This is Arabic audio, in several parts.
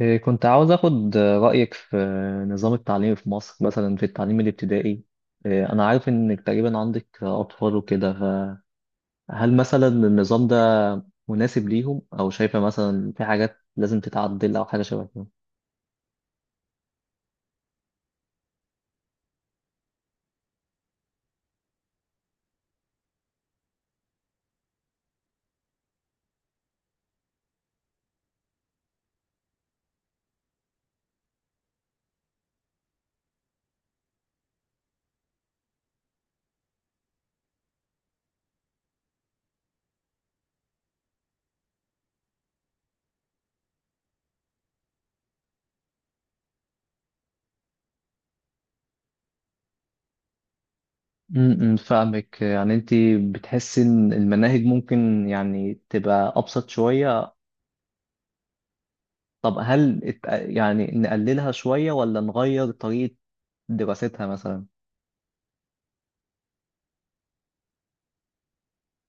كنت عاوز أخد رأيك في نظام التعليم في مصر، مثلا في التعليم الابتدائي. أنا عارف إنك تقريبا عندك أطفال وكده، فهل مثلا النظام ده مناسب ليهم، أو شايفة مثلا في حاجات لازم تتعدل أو حاجة شبه كده؟ فاهمك، يعني انت بتحسي ان المناهج ممكن يعني تبقى ابسط شوية. طب يعني نقللها شوية ولا نغير طريقة دراستها مثلا؟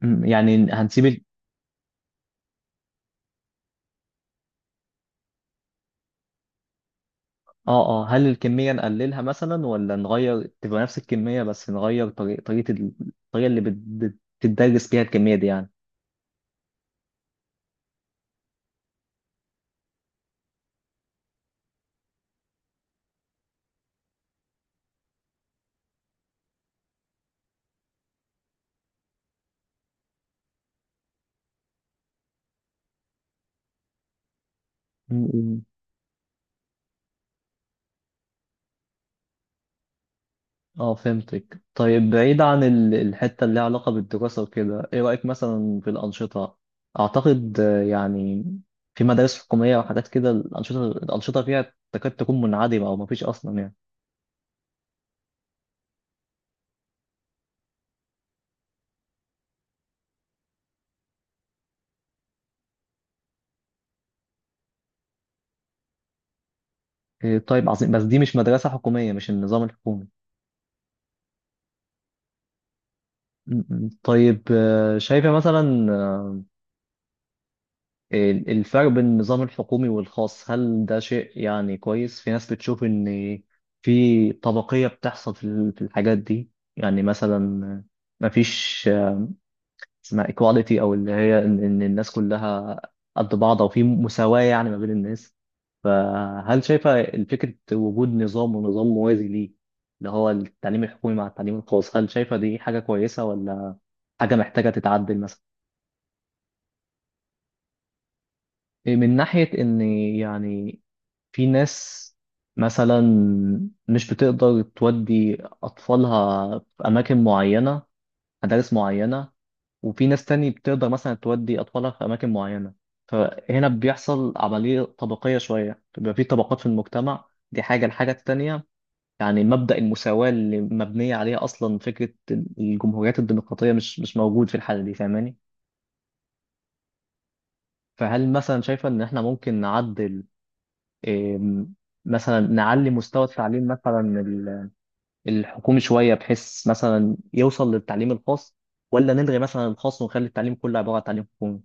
يعني هنسيب. اه اه، هل الكمية نقللها مثلا، ولا نغير تبقى نفس الكمية بس نغير طريقة الطريقة اللي بتدرس بيها الكمية دي يعني. م- م. اه فهمتك. طيب بعيد عن الحتة اللي لها علاقة بالدراسة وكده، ايه رأيك مثلا في الأنشطة؟ أعتقد يعني في مدارس حكومية وحاجات كده، الأنشطة فيها تكاد تكون منعدمة أو مفيش أصلا يعني. طيب عظيم، بس دي مش مدرسة حكومية، مش النظام الحكومي. م- م. طيب شايفة مثلا الفرق بين النظام الحكومي والخاص، هل ده شيء يعني كويس؟ في ناس بتشوف إن في طبقية بتحصل في في الحاجات دي. يعني مثلا مفيش اسمها equality، أو اللي هي إن الناس كلها قد بعض، أو في مساواة يعني ما بين الناس. فهل شايفة فكرة وجود نظام ونظام موازي ليه، اللي هو التعليم الحكومي مع التعليم الخاص، هل شايفة دي حاجة كويسة، ولا حاجة محتاجة تتعدل مثلا؟ من ناحية إن يعني في ناس مثلا مش بتقدر تودي أطفالها في أماكن معينة، مدارس معينة، وفي ناس تاني بتقدر مثلا تودي أطفالها في أماكن معينة، فهنا بيحصل عملية طبقية شوية، بيبقى في طبقات في المجتمع. دي حاجة. الحاجة التانية، يعني مبدأ المساواة اللي مبنية عليها أصلا فكرة الجمهوريات الديمقراطية، مش موجود في الحالة دي، فاهماني؟ فهل مثلا شايفة إن إحنا ممكن نعدل، إيه، مثلا نعلي مستوى التعليم مثلا الحكومي شوية بحيث مثلا يوصل للتعليم الخاص، ولا نلغي مثلا الخاص ونخلي التعليم كله عبارة عن تعليم حكومي؟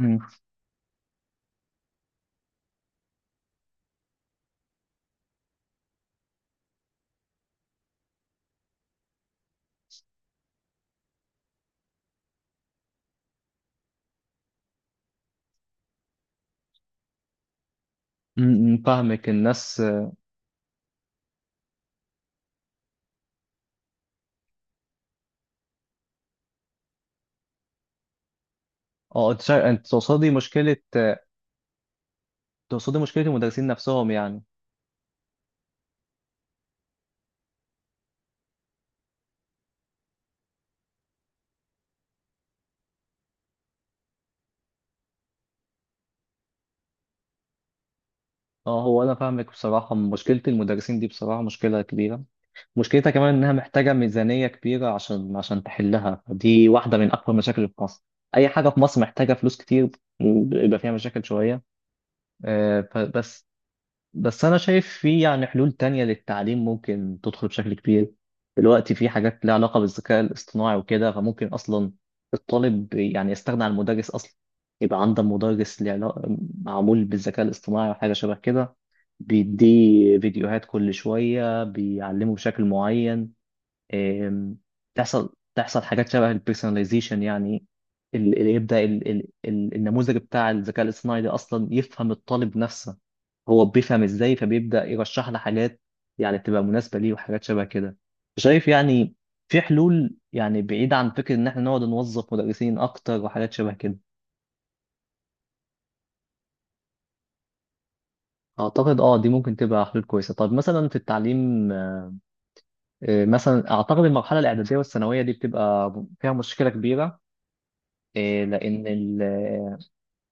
مم. مم، فاهمك. الناس، اه انت انت تقصدي مشكلة تقصدي مشكلة المدرسين نفسهم يعني. اه، هو انا فاهمك، بصراحة مشكلة المدرسين دي بصراحة مشكلة كبيرة. مشكلتها كمان انها محتاجة ميزانية كبيرة عشان تحلها، دي واحدة من اكبر مشاكل في مصر. اي حاجة في مصر محتاجة فلوس كتير، ويبقى فيها مشاكل شوية. فبس. بس انا شايف في يعني حلول تانية للتعليم ممكن تدخل بشكل كبير. دلوقتي في حاجات لها علاقة بالذكاء الاصطناعي وكده، فممكن اصلا الطالب يعني يستغنى عن المدرس اصلا. يبقى عنده مدرس ليه علاقة، معمول بالذكاء الاصطناعي وحاجة شبه كده، بيديه فيديوهات كل شوية بيعلمه بشكل معين. أم، تحصل حاجات شبه البيرسوناليزيشن يعني، اللي يبدأ النموذج بتاع الذكاء الاصطناعي ده اصلا يفهم الطالب نفسه، هو بيفهم ازاي، فبيبدأ يرشح لي حاجات يعني تبقى مناسبة ليه وحاجات شبه كده. شايف يعني في حلول يعني بعيدة عن فكرة ان احنا نقعد نوظف مدرسين اكتر وحاجات شبه كده. اعتقد اه دي ممكن تبقى حلول كويسة. طب مثلا في التعليم، مثلا اعتقد المرحلة الاعدادية والثانوية دي بتبقى فيها مشكلة كبيرة. لان ال-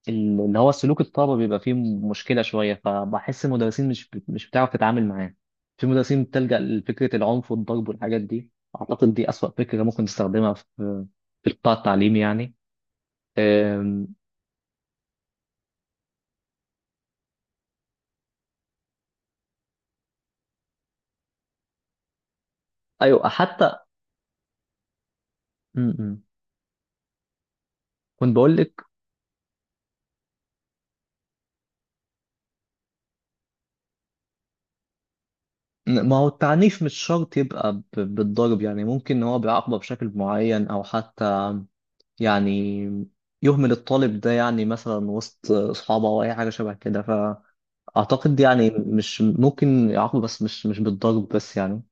ال- اللي هو سلوك الطلبة بيبقى فيه مشكلة شوية، فبحس المدرسين مش بتعرف تتعامل معاه. في مدرسين بتلجأ لفكرة العنف والضرب والحاجات دي. أعتقد دي أسوأ فكرة ممكن تستخدمها في في القطاع التعليمي يعني. أم، أيوة حتى. م- م. كنت بقول لك، ما هو التعنيف مش شرط يبقى بالضرب يعني. ممكن إن هو بيعاقبه بشكل معين، أو حتى يعني يهمل الطالب ده يعني مثلا وسط أصحابه أو أي حاجة شبه كده. اعتقد يعني مش ممكن يعاقبوا بس، مش بالضرب بس يعني.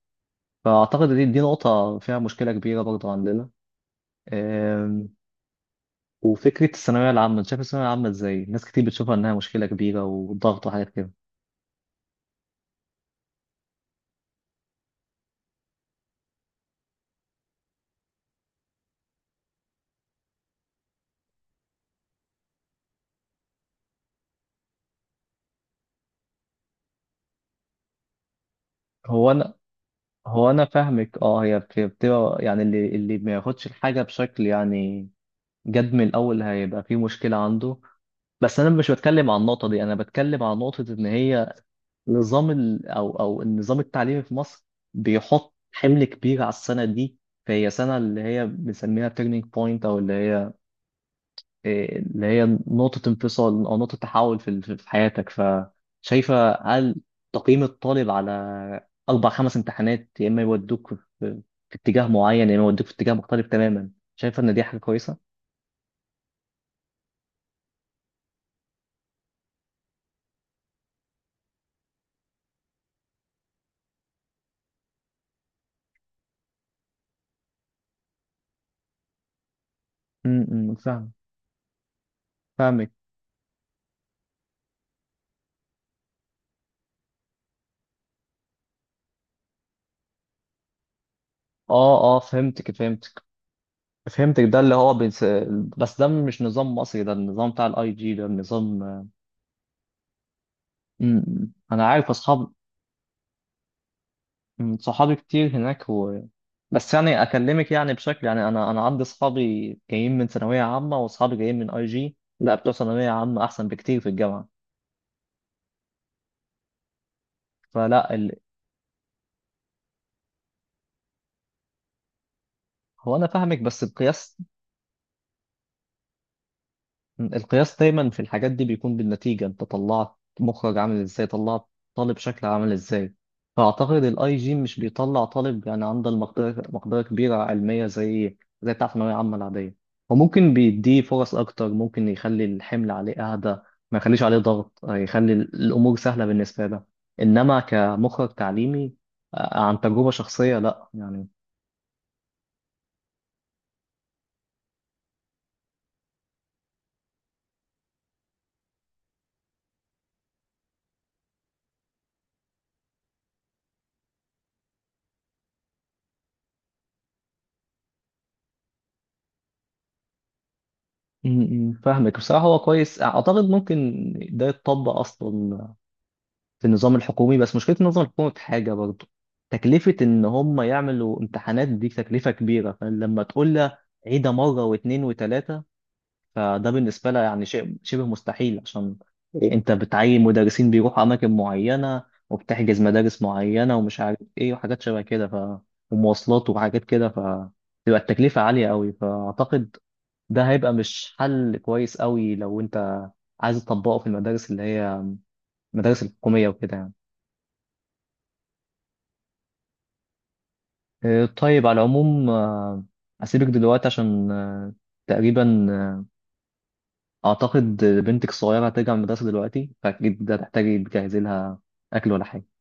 فاعتقد دي نقطة فيها مشكلة كبيرة برضه عندنا. أم، وفكرة الثانوية العامة، انت شايف الثانوية العامة ازاي؟ ناس كتير بتشوفها انها مشكلة كبيرة وضغط وحاجات كده. هو انا هو انا فاهمك. اه هي بتبقى يعني، اللي ما ياخدش الحاجة بشكل يعني جد من الاول هيبقى فيه مشكلة عنده. بس انا مش بتكلم عن النقطة دي، انا بتكلم عن نقطة ان هي نظام ال... او او النظام التعليمي في مصر بيحط حمل كبير على السنه دي. فهي سنه اللي هي بنسميها تيرنينج بوينت، او اللي هي اللي هي نقطه انفصال او نقطه تحول في في حياتك. فشايفه هل تقييم الطالب على اربع خمس امتحانات، يا اما يودوك في في اتجاه معين، يا اما يودوك في اتجاه مختلف تماما، شايفه ان دي حاجه كويسه؟ امم فاهم فاهمك. اه اه فهمتك فهمتك فهمتك. ده اللي هو بس، بس ده مش نظام مصري، ده النظام بتاع الاي جي، ده النظام. مم. انا عارف اصحاب، مم، صحابي كتير هناك، و... بس يعني اكلمك يعني بشكل يعني، انا عندي اصحابي جايين من ثانويه عامه واصحابي جايين من اي جي، لا بتوع ثانويه عامه احسن بكتير في الجامعه. فلا ال... هو انا فاهمك بس بقياس، القياس دايما في الحاجات دي بيكون بالنتيجة. انت طلعت مخرج عامل ازاي، طلعت طالب شكل عامل ازاي. فأعتقد الاي جي مش بيطلع طالب يعني عنده المقدرة، مقدرة كبيرة علمية زي زي بتاع ثانوية عامة العادية. وممكن بيديه فرص أكتر، ممكن يخلي الحمل عليه أهدى، ما يخليش عليه ضغط، يخلي الأمور سهلة بالنسبة له. إنما كمخرج تعليمي، عن تجربة شخصية لأ يعني. م- م، فاهمك. بصراحة هو كويس، أعتقد ممكن ده يتطبق أصلا في النظام الحكومي. بس مشكلة النظام الحكومي في حاجة برضه، تكلفة إن هم يعملوا امتحانات دي تكلفة كبيرة. فلما تقول لها عيدها مرة واتنين وتلاتة، فده بالنسبة لها يعني شيء شبه مستحيل، عشان أنت بتعين مدرسين بيروحوا أماكن معينة، وبتحجز مدارس معينة ومش عارف إيه وحاجات شبه كده، ف ومواصلات وحاجات كده، فتبقى التكلفة عالية قوي. فأعتقد ده هيبقى مش حل كويس قوي لو أنت عايز تطبقه في المدارس اللي هي المدارس الحكومية وكده يعني. طيب على العموم، أسيبك دلوقتي عشان تقريبا أعتقد بنتك الصغيرة هترجع من المدرسة دلوقتي، فأكيد هتحتاجي تجهزي لها أكل ولا حاجة.